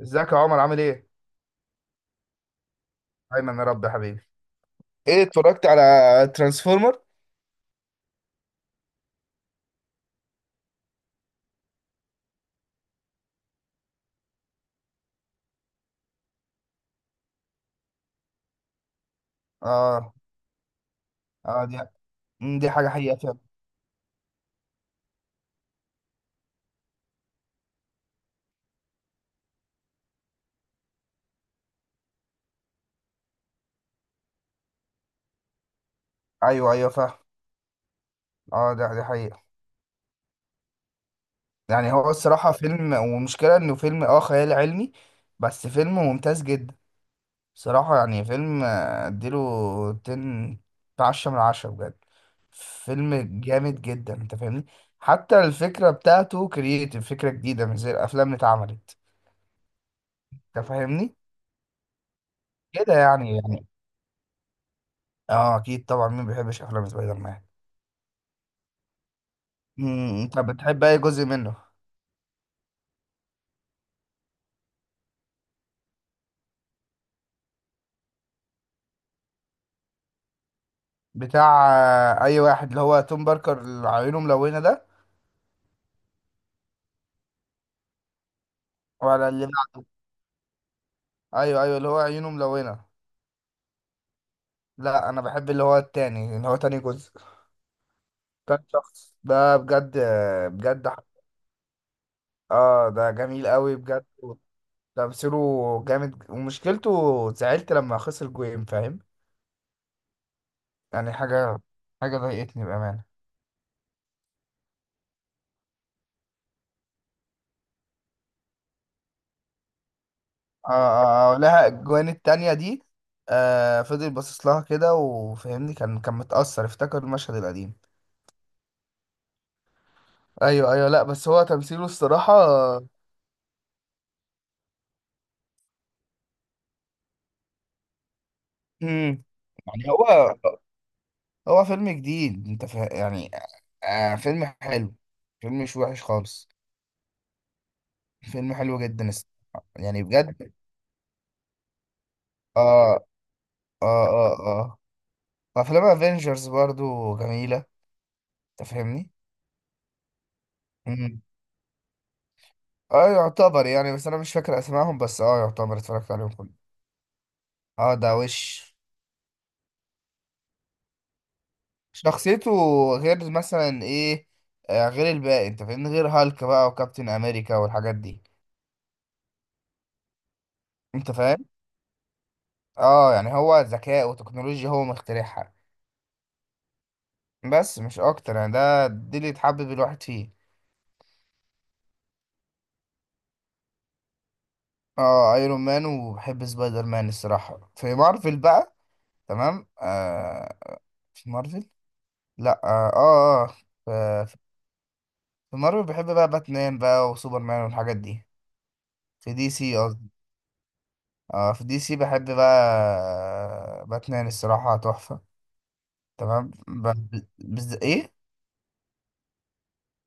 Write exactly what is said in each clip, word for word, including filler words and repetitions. ازيك يا عمر، عامل ايه؟ ايمن يا رب يا حبيبي. ايه، اتفرجت على ترانسفورمر؟ اه اه، دي مم، دي حاجة حقيقة فعلا. ايوه ايوه، فاهم. اه، ده دي حقيقة. يعني هو الصراحة فيلم، ومشكلة انه فيلم اه خيال علمي. بس فيلم ممتاز جدا. صراحة يعني فيلم، آه، اديله عشرة. عشرة من عشرة بجد. فيلم جامد جدا، انت فاهمني؟ حتى الفكرة بتاعته كرييتيف، فكرة جديدة مش زي الافلام اللي اتعملت. انت فاهمني؟ كده يعني يعني اه اكيد طبعا، مين بيحبش افلام سبايدر مان؟ امم انت بتحب اي جزء منه؟ بتاع آه، اي واحد، اللي هو توم باركر اللي عيونه ملونه ده؟ ولا اللي بعد؟ ايوه ايوه، اللي هو عيونه ملونه. لا، انا بحب اللي هو التاني، اللي هو تاني جزء. تاني شخص ده بجد، آه، بجد ح- اه، ده جميل قوي بجد. تمثيله جامد، ومشكلته زعلت لما خسر جوين، فاهم يعني حاجه حاجه ضايقتني بامان. اه اه، آه، لها الجوان التانية دي. آه فضل باصص لها كده، وفهمني كان كان متأثر، افتكر المشهد القديم. ايوه ايوه، لا بس هو تمثيله الصراحة. امم. يعني هو هو فيلم جديد، انت فا... يعني. آه فيلم حلو، فيلم مش وحش خالص، فيلم حلو جدا الصراحة. يعني بجد. اه اه اه اه، وافلام افنجرز برضو جميلة. انت فاهمني؟ مم. اه، يعتبر يعني، بس انا مش فاكر اسمائهم، بس اه يعتبر اتفرجت عليهم كلهم. اه، ده وش شخصيته، غير مثلا ايه؟ آه غير الباقي، انت فاهمني، غير هالك بقى وكابتن امريكا والحاجات دي. انت فاهم. اه، يعني هو ذكاء وتكنولوجيا، هو مخترعها. بس مش اكتر يعني، ده دي اللي تحبب الواحد فيه. اه، ايرون مان وبحب سبايدر مان الصراحة في مارفل بقى. تمام، آه في مارفل. لا اه اه, آه. في في مارفل بحب بقى باتمان بقى، وسوبرمان والحاجات دي. في دي سي. اه، في دي سي بحب بقى. آه، باتمان الصراحة تحفة. تمام ب... بز... ايه.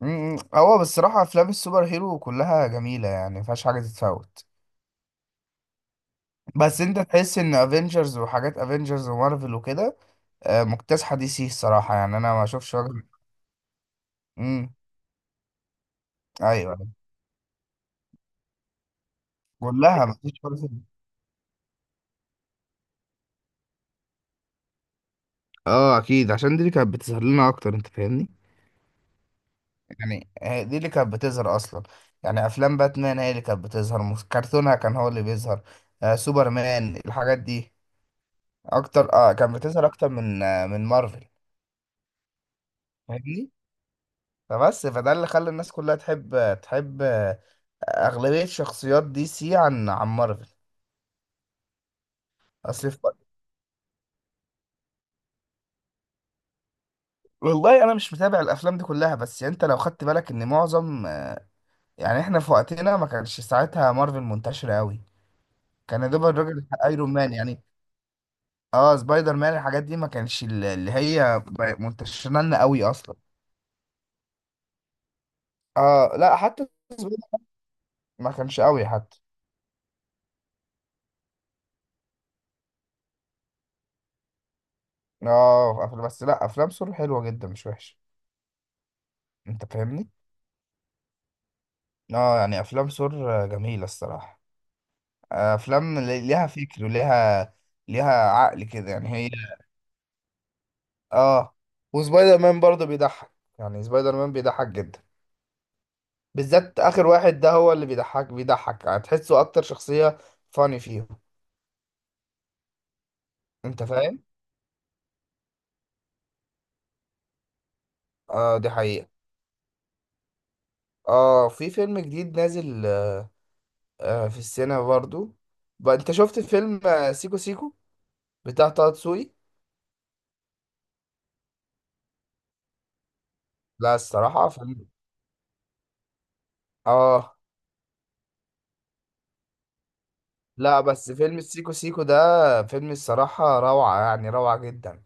مم، هو بالصراحة افلام السوبر هيرو كلها جميلة، يعني مفيهاش حاجة تتفوت. بس انت تحس ان افنجرز، وحاجات افنجرز ومارفل وكده آه، مكتسحة دي سي الصراحة، يعني انا ما اشوفش وجه. امم. ايوه أيوة. كلها مفيش فرصة. اه اكيد، عشان دي اللي كانت بتظهر لنا اكتر، انت فاهمني. يعني هي دي اللي كانت بتظهر اصلا. يعني افلام باتمان هي اللي كانت بتظهر، مس- كرتونها كان هو اللي بيظهر. آه سوبرمان الحاجات دي اكتر، اه كانت بتظهر اكتر من آه من مارفل. فاهمني. فبس فده اللي خلى الناس كلها تحب، تحب آه، اغلبيه شخصيات دي سي عن عن مارفل. اصل في- والله انا مش متابع الافلام دي كلها، بس يعني انت لو خدت بالك ان معظم آه، يعني احنا في وقتنا ما كانش ساعتها مارفل منتشره قوي. كان يا دوب الراجل ايرون مان يعني. اه سبايدر مان الحاجات دي، ما كانش ال- اللي هي ب- منتشره لنا قوي اصلا. اه لا، حتى سبايدر ما كانش قوي حتى. اه أف- بس لا، افلام سور حلوه جدا، مش وحشه. انت فاهمني. اه يعني، افلام سور آه، جميله الصراحه، آه، افلام لي- ليها فكر، وليها ليها عقل كده يعني هي. اه، وسبايدر مان برضه بيضحك، يعني سبايدر مان بيضحك جدا، بالذات اخر واحد ده هو اللي بيضحك بيضحك، هتحسه اكتر شخصيه فاني فيهم. انت فاهم. اه دي حقيقة. اه في فيلم جديد نازل آه آه، في السينما برضو. بقى انت شفت فيلم آه، سيكو سيكو بتاع طه دسوقي؟ لا الصراحة فيلم. اه لا، بس فيلم سيكو سيكو ده فيلم الصراحة روعة، يعني روعة جدا.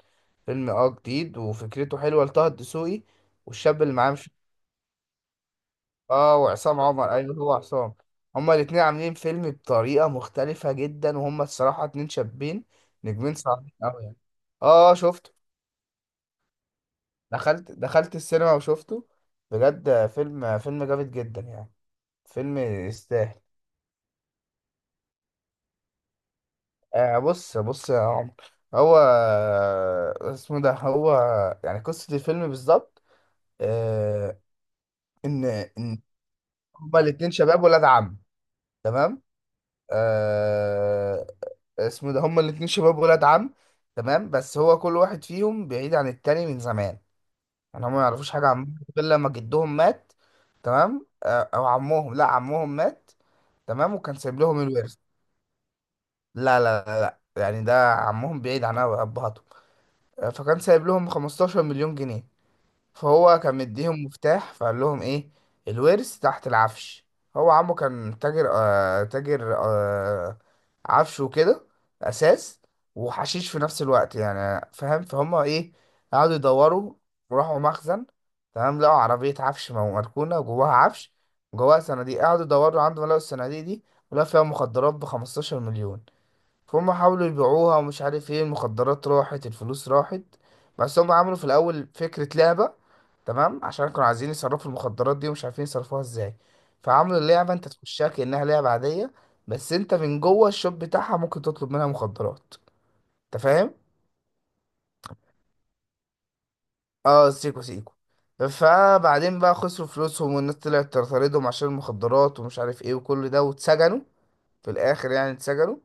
فيلم اه جديد وفكرته حلوة لطه دسوقي، والشاب اللي معاه مش. اه وعصام عمر، ايوه هو عصام. هما الاتنين عاملين فيلم بطريقة مختلفة جدا، وهما الصراحة اتنين شابين نجمين صعبين اوي يعني. اه شفته. دخلت دخلت السينما وشفته، بجد فيلم فيلم جامد جدا يعني. فيلم يستاهل. آه بص بص يا عمر، هو اسمه ده، هو يعني قصة الفيلم بالظبط. آه إن إن هما الاتنين شباب ولاد عم. تمام. آه اسمه ده، هما الاتنين شباب ولاد عم. تمام، بس هو كل واحد فيهم بعيد عن التاني من زمان. يعني هم ما يعرفوش حاجة عن بعض غير لما جدهم مات. تمام، آه، أو عمهم، لا عمهم مات. تمام، وكان سايب لهم الورث. لا لا لا لا، يعني ده عمهم بعيد عن أب- أبهاتهم. آه، فكان سايب لهم خمستاشر مليون جنيه مليون جنيه. فهو كان مديهم مفتاح، فقال لهم ايه؟ الورث تحت العفش. هو عمه كان تاجر آه تاجر آه عفش وكده، اساس، وحشيش في نفس الوقت، يعني فاهم فهم ايه. قعدوا يدوروا، وراحوا مخزن. تمام، لقوا عربية عفش مو- مركونة، جواها عفش، جواها صناديق. قعدوا يدوروا عندهم، لقوا الصناديق دي، ولقوا فيها مخدرات ب 15 مليون. فهم حاولوا يبيعوها، ومش عارف ايه، المخدرات راحت، الفلوس راحت. بس هم عملوا في الاول فكرة لعبة. تمام، عشان كانوا عايزين يصرفوا المخدرات دي، ومش عارفين يصرفوها ازاي. فعملوا اللعبة، انت تخشها كأنها لعبة عادية، بس انت من جوه الشوب بتاعها ممكن تطلب منها مخدرات. انت فاهم. اه سيكو سيكو. فبعدين بقى خسروا فلوسهم، والناس طلعت تطاردهم عشان المخدرات ومش عارف ايه، وكل ده واتسجنوا في الاخر يعني. اتسجنوا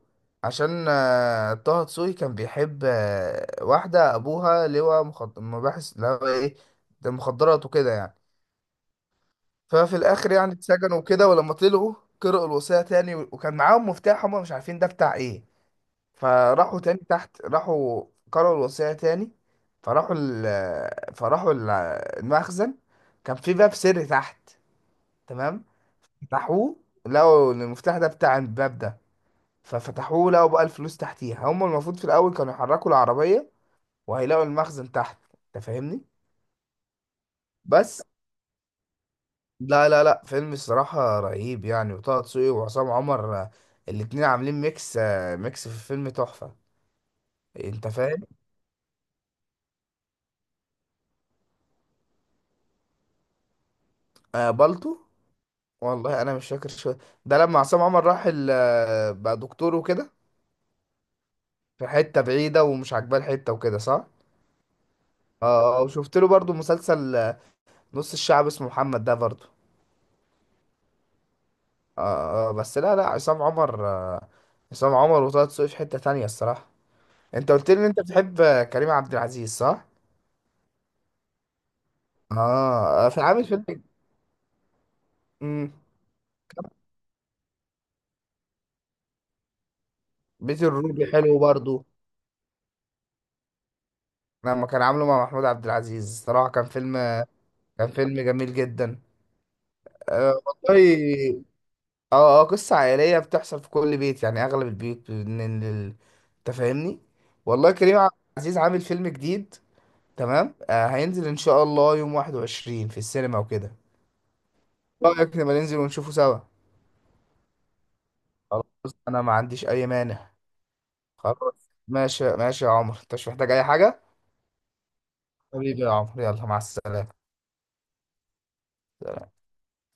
عشان آه، طه دسوقي كان بيحب آه، واحدة أبوها لواء مخد... مباحث، لا ايه، ده مخدرات وكده يعني. ففي الاخر يعني اتسجنوا وكده، ولما طلعوا قرأوا الوصية تاني، وكان معاهم مفتاح هم مش عارفين ده بتاع ايه. فراحوا تاني تحت، راحوا قرأوا الوصية تاني، فراحوا ال فراحوا ال- المخزن، كان في باب سري تحت. تمام، فتحوه، لقوا ان المفتاح ده بتاع الباب ده، ففتحوه لقوا بقى الفلوس تحتيها. هم المفروض في الاول كانوا يحركوا العربية وهيلاقوا المخزن تحت، انت فاهمني. بس لا لا لا، فيلم الصراحة رهيب يعني، وطه دسوقي وعصام عمر آه، الاتنين عاملين ميكس آه، ميكس في الفيلم تحفة. انت فاهم. آه بالطو. والله انا مش فاكر شو، ده لما عصام عمر راح ال- آه، بقى دكتور وكده، في حتة بعيدة ومش عاجباه الحتة وكده، صح؟ اه، آه، وشفت له برضو مسلسل آه، نص الشعب اسمه محمد ده برضو. اه، آه، بس لا لا عصام عمر، آه، عصام عمر وطه دسوقي في حتة تانية الصراحة. انت قلت لي ان انت بتحب آه، كريم عبد العزيز، صح؟ اه آه، في عامل فيلم بيت الروبي حلو برضو، لما كان عامله مع محمود عبد العزيز، صراحة كان فيلم، كان فيلم جميل جدا. أه والله. اه اه قصة عائلية، بتحصل في كل بيت، يعني أغلب البيوت من ال- أنت فاهمني. والله كريم عبد العزيز عامل فيلم جديد، تمام، أه هينزل إن شاء الله يوم واحد وعشرين في السينما وكده. إيه رأيك نبقى ننزل ونشوفه سوا؟ خلاص، أنا ما عنديش أي مانع. خلاص ماشي، ماشي يا عمر، أنت مش محتاج أي حاجة؟ حبيبي يا عمر، يلا مع السلامة.